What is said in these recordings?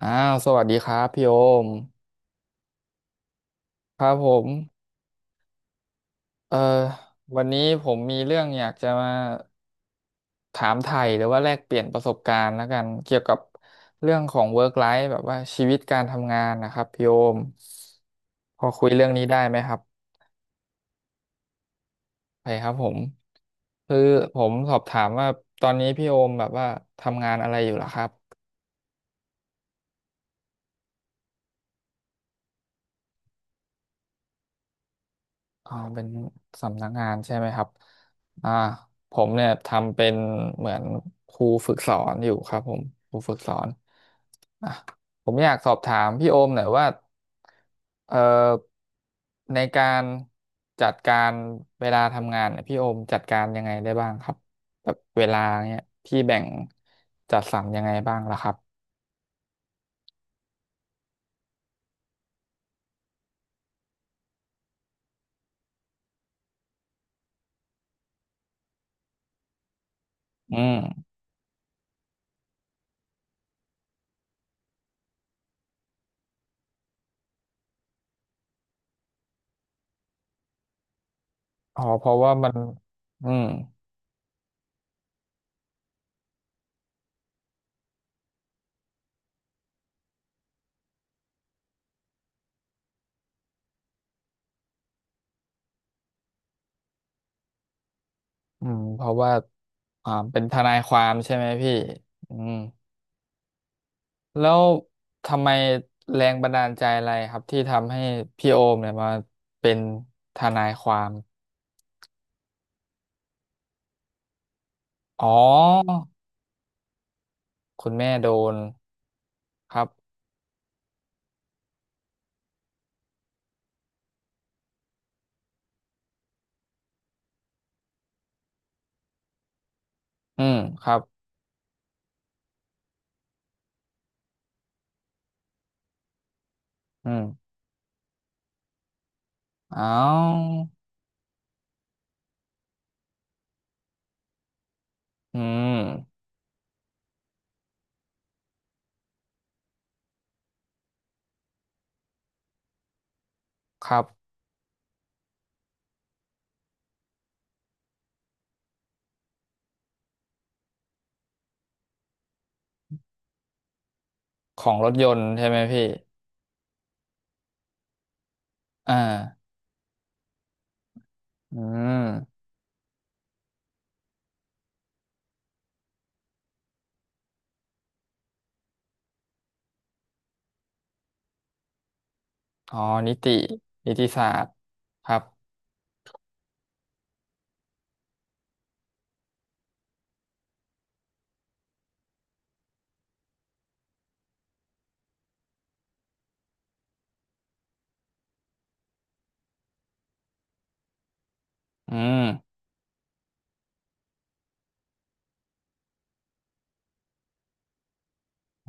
อ้าวสวัสดีครับพี่โอมครับผมเอ่อวันนี้ผมมีเรื่องอยากจะมาถามไถ่หรือว่าแลกเปลี่ยนประสบการณ์แล้วกันเกี่ยวกับเรื่องของ work life แบบว่าชีวิตการทำงานนะครับพี่โอมพอคุยเรื่องนี้ได้ไหมครับไปครับผมคือผมสอบถามว่าตอนนี้พี่โอมแบบว่าทำงานอะไรอยู่เหรอครับ อ๋อเป็นสำนักงานใช่ไหมครับอ่าผมเนี่ยทำเป็นเหมือนครูฝึกสอนอยู่ครับผมครูฝึกสอนอ่ะผมอยากสอบถามพี่โอมหน่อยว่าเอ่อในการจัดการเวลาทำงานเนี่ยพี่โอมจัดการยังไงได้บ้างครับแบบเวลาเนี่ยพี่แบ่งจัดสรรยังไงบ้างล่ะครับอืมอ๋อเพราะว่ามันอืม อืมเพราะว่าอ่าเป็นทนายความใช่ไหมพี่อืมแล้วทำไมแรงบันดาลใจอะไรครับที่ทำให้พี่โอมเนี่ยมาเป็นทนายความอ๋อคุณแม่โดนครับอืมครับอืมอ้าวอืมครับของรถยนต์ใช่ไหมพี่อ่าอืมอ๋อนิตินิติศาสตร์ครับอืม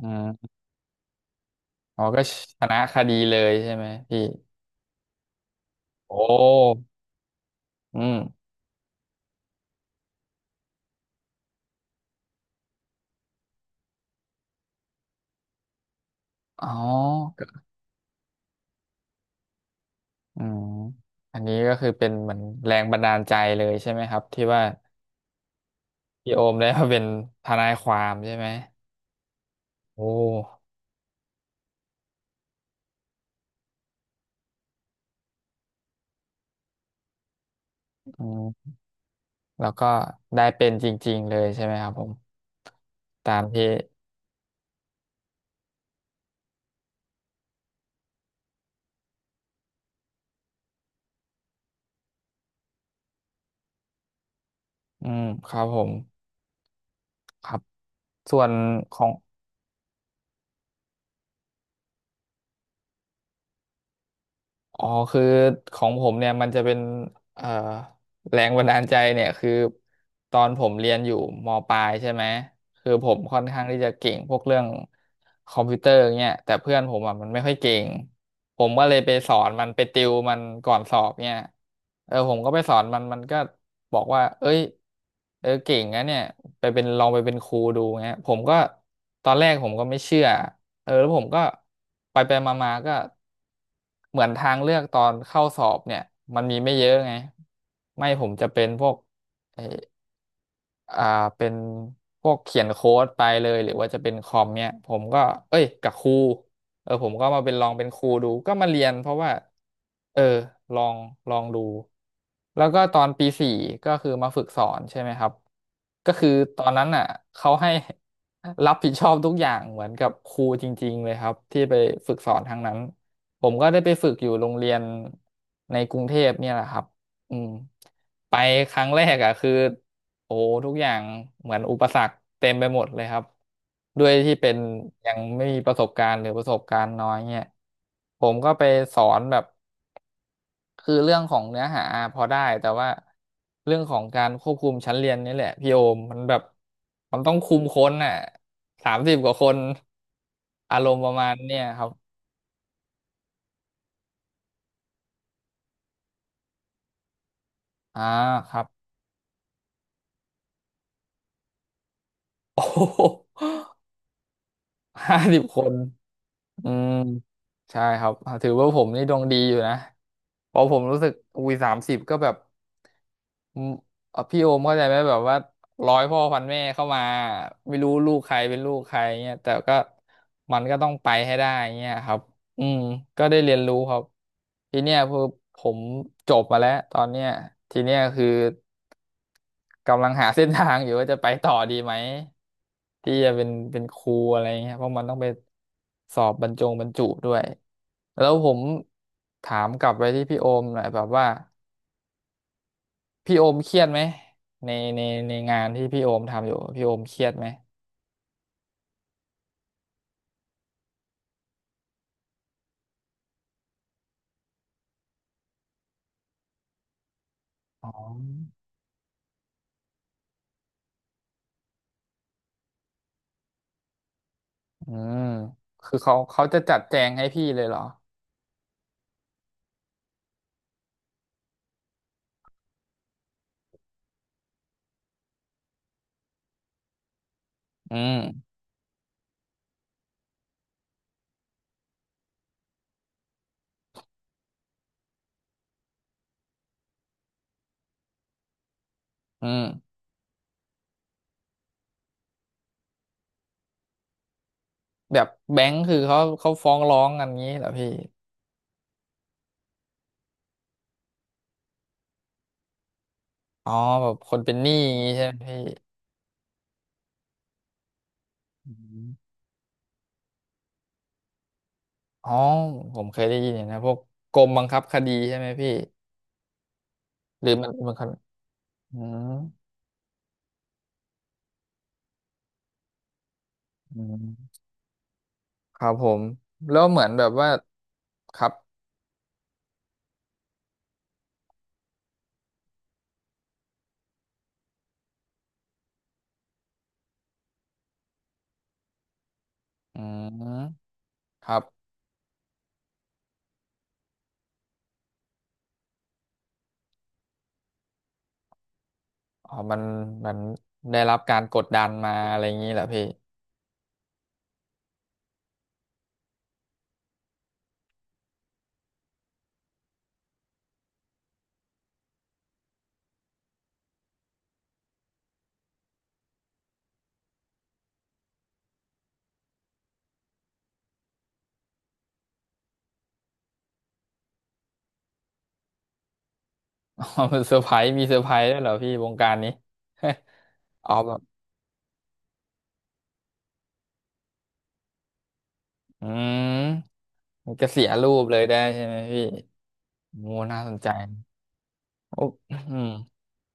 อืมอ๋อก็ชนะคดีเลยใช่ไหมพี่ โอ้อืมอ๋ออืมอันนี้ก็คือเป็นเหมือนแรงบันดาลใจเลยใช่ไหมครับที่ว่าพี่โอมได้มาเป็นทนายความใช่ไหมโอ้อืมแล้วก็ได้เป็นจริงๆเลยใช่ไหมครับผมตามที่อืมครับผมครับส่วนของ อ๋อคือของผมเนี่ยมันจะเป็นเอ่อแรงบันดาลใจเนี่ยคือตอนผมเรียนอยู่มปลายใช่ไหมคือผมค่อนข้างที่จะเก่งพวกเรื่องคอมพิวเตอร์เนี่ยแต่เพื่อนผมอ่ะมันไม่ค่อยเก่งผมก็เลยไปสอนมันไปติวมันก่อนสอบเนี่ยเออผมก็ไปสอนมันมันก็บอกว่าเอ้ยเออเก่งนะเนี่ยไปเป็นลองไปเป็นครูดูเงี้ยผมก็ตอนแรกผมก็ไม่เชื่อเออแล้วผมก็ไปไปมามาๆก็ เหมือนทางเลือกตอนเข้าสอบเนี่ยมันมีไม่เยอะไงไม่ผมจะเป็นพวกไอ้ อ่าเป็นพวกเขียนโค้ดไปเลยหรือว่าจะเป็นคอมเนี่ยผมก็เอ้ยกับครูเออผมก็มาเป็นลองเป็นครูดูก็มาเรียนเพราะว่าเออลองลองดูแล้วก็ตอนปี 4ก็คือมาฝึกสอนใช่ไหมครับก็คือตอนนั้นอ่ะเขาให้รับผิดชอบทุกอย่างเหมือนกับครูจริงๆเลยครับที่ไปฝึกสอนทางนั้นผมก็ได้ไปฝึกอยู่โรงเรียนในกรุงเทพเนี่ยแหละครับอืมไปครั้งแรกอ่ะคือ โอ้ทุกอย่างเหมือนอุปสรรคเต็มไปหมดเลยครับด้วยที่เป็นยังไม่มีประสบการณ์หรือประสบการณ์น้อยเนี่ยผมก็ไปสอนแบบคือเรื่องของเนื้อหาพอได้แต่ว่าเรื่องของการควบคุมชั้นเรียนนี่แหละพี่โอมมันแบบมันต้องคุมคนน่ะสามสิบกว่าคนอารมณ์ประมาณเนี่ยครับอ่าครับ โอ้50คน อืมใช่ครับถือว่าผมนี่ดวงดีอยู่นะเพราะผมรู้สึกอุ้ยสามสิบก็แบบอืมพี่โอมเข้าใจไหมแบบว่าร้อยพ่อพันแม่เข้ามาไม่รู้ลูกใครเป็นลูกใครเงี้ยแต่ก็มันก็ต้องไปให้ได้เงี้ยครับอืมก็ได้เรียนรู้ครับทีเนี้ยคือผมจบมาแล้วตอนเนี้ยทีเนี้ยคือกำลังหาเส้นทางอยู่ว่าจะไปต่อดีไหม ที่จะเป็นครูอะไรเงี้ยเพราะมันต้องไปสอบบรรจงบรรจุด้วยแล้วผมถามกลับไปที่พี่โอมหน่อยแบบว่าพี่โอมเครียดไหมในในในงานที่พี่โอมทำอยู่พี่โอมเครียดไหมอ๋ออืมคือเขาเขาจะจัดแจงให้พี่เลยเหรออืมอืมแบบแบงค์คือเขาเขาฟ้องร้องกันงี้เหรอพี่อ๋อแบบคนเป็นหนี้งี้ใช่ไหมพี่อืมอ๋อผมเคยได้ยินอย่างนะพวกกรมบังคับคดีใช่ไหมพี่ หรือมันมันคนอืมอืมครับผม แล้วเหมือนแบบว่า ครับอืมครับอ๋อมันมันได้รับการกดดันมาอะไรอย่างนี้เหรอพี่อ๋อมันเซอร์ไพรส์มีเซอร์ไพรส์ด้วยเหรอพี่วงการนี้ อ๋อแบบอืมมันก็เสียรูปเลยได้ใช่ไหมพี่โมน่าสนใจโอ้อืม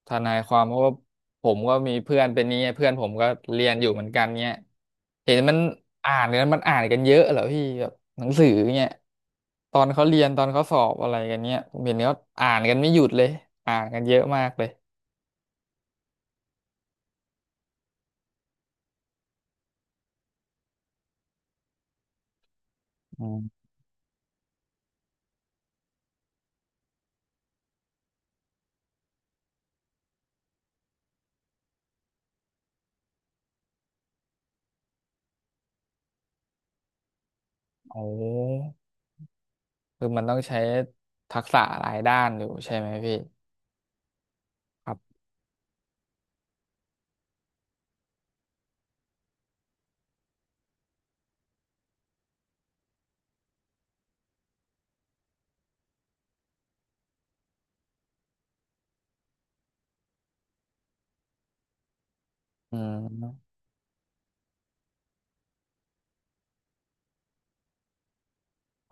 ทนายความเพราะว่าผมก็มีเพื่อนเป็นนี้ไงเพื่อนผมก็เรียนอยู่เหมือนกันเนี้ยเห็นมันอ่านกันมันอ่านกันเยอะเหรอพี่แบบหนังสือเนี้ยตอนเขาเรียนตอนเขาสอบอะไรกันเนี้ยผมเห็นเขาอ่านกันไม่หยุดเลยอ่านกันเยอะมากเลยอืมโอ้คือมันต้องใช้ทักษะหลายด้านอยู่ใช่ไหมพี่ครับอืม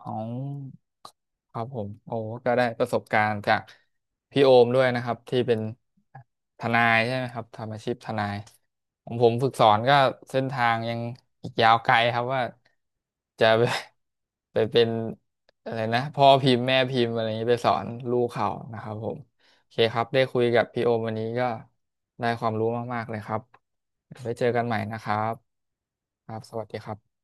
อ๋อครับผมโอ้ก็ได้ประสบการณ์จากพี่โอมด้วยนะครับที่เป็นทนายใช่ไหมครับทำอาชีพทนายของผมฝึกสอนก็เส้นทางยังอีกยาวไกลครับว่าจะไป ไปเป็นอะไรนะพ่อพิมพ์แม่พิมพ์อะไรอย่างนี้ไปสอนลูกเขานะครับผมโอเคครับได้คุยกับพี่โอมวันนี้ก็ได้ความรู้มากๆเลยครับเดี๋ยวไว้เจอกันใหม่นะครับครับสวัสดีครับ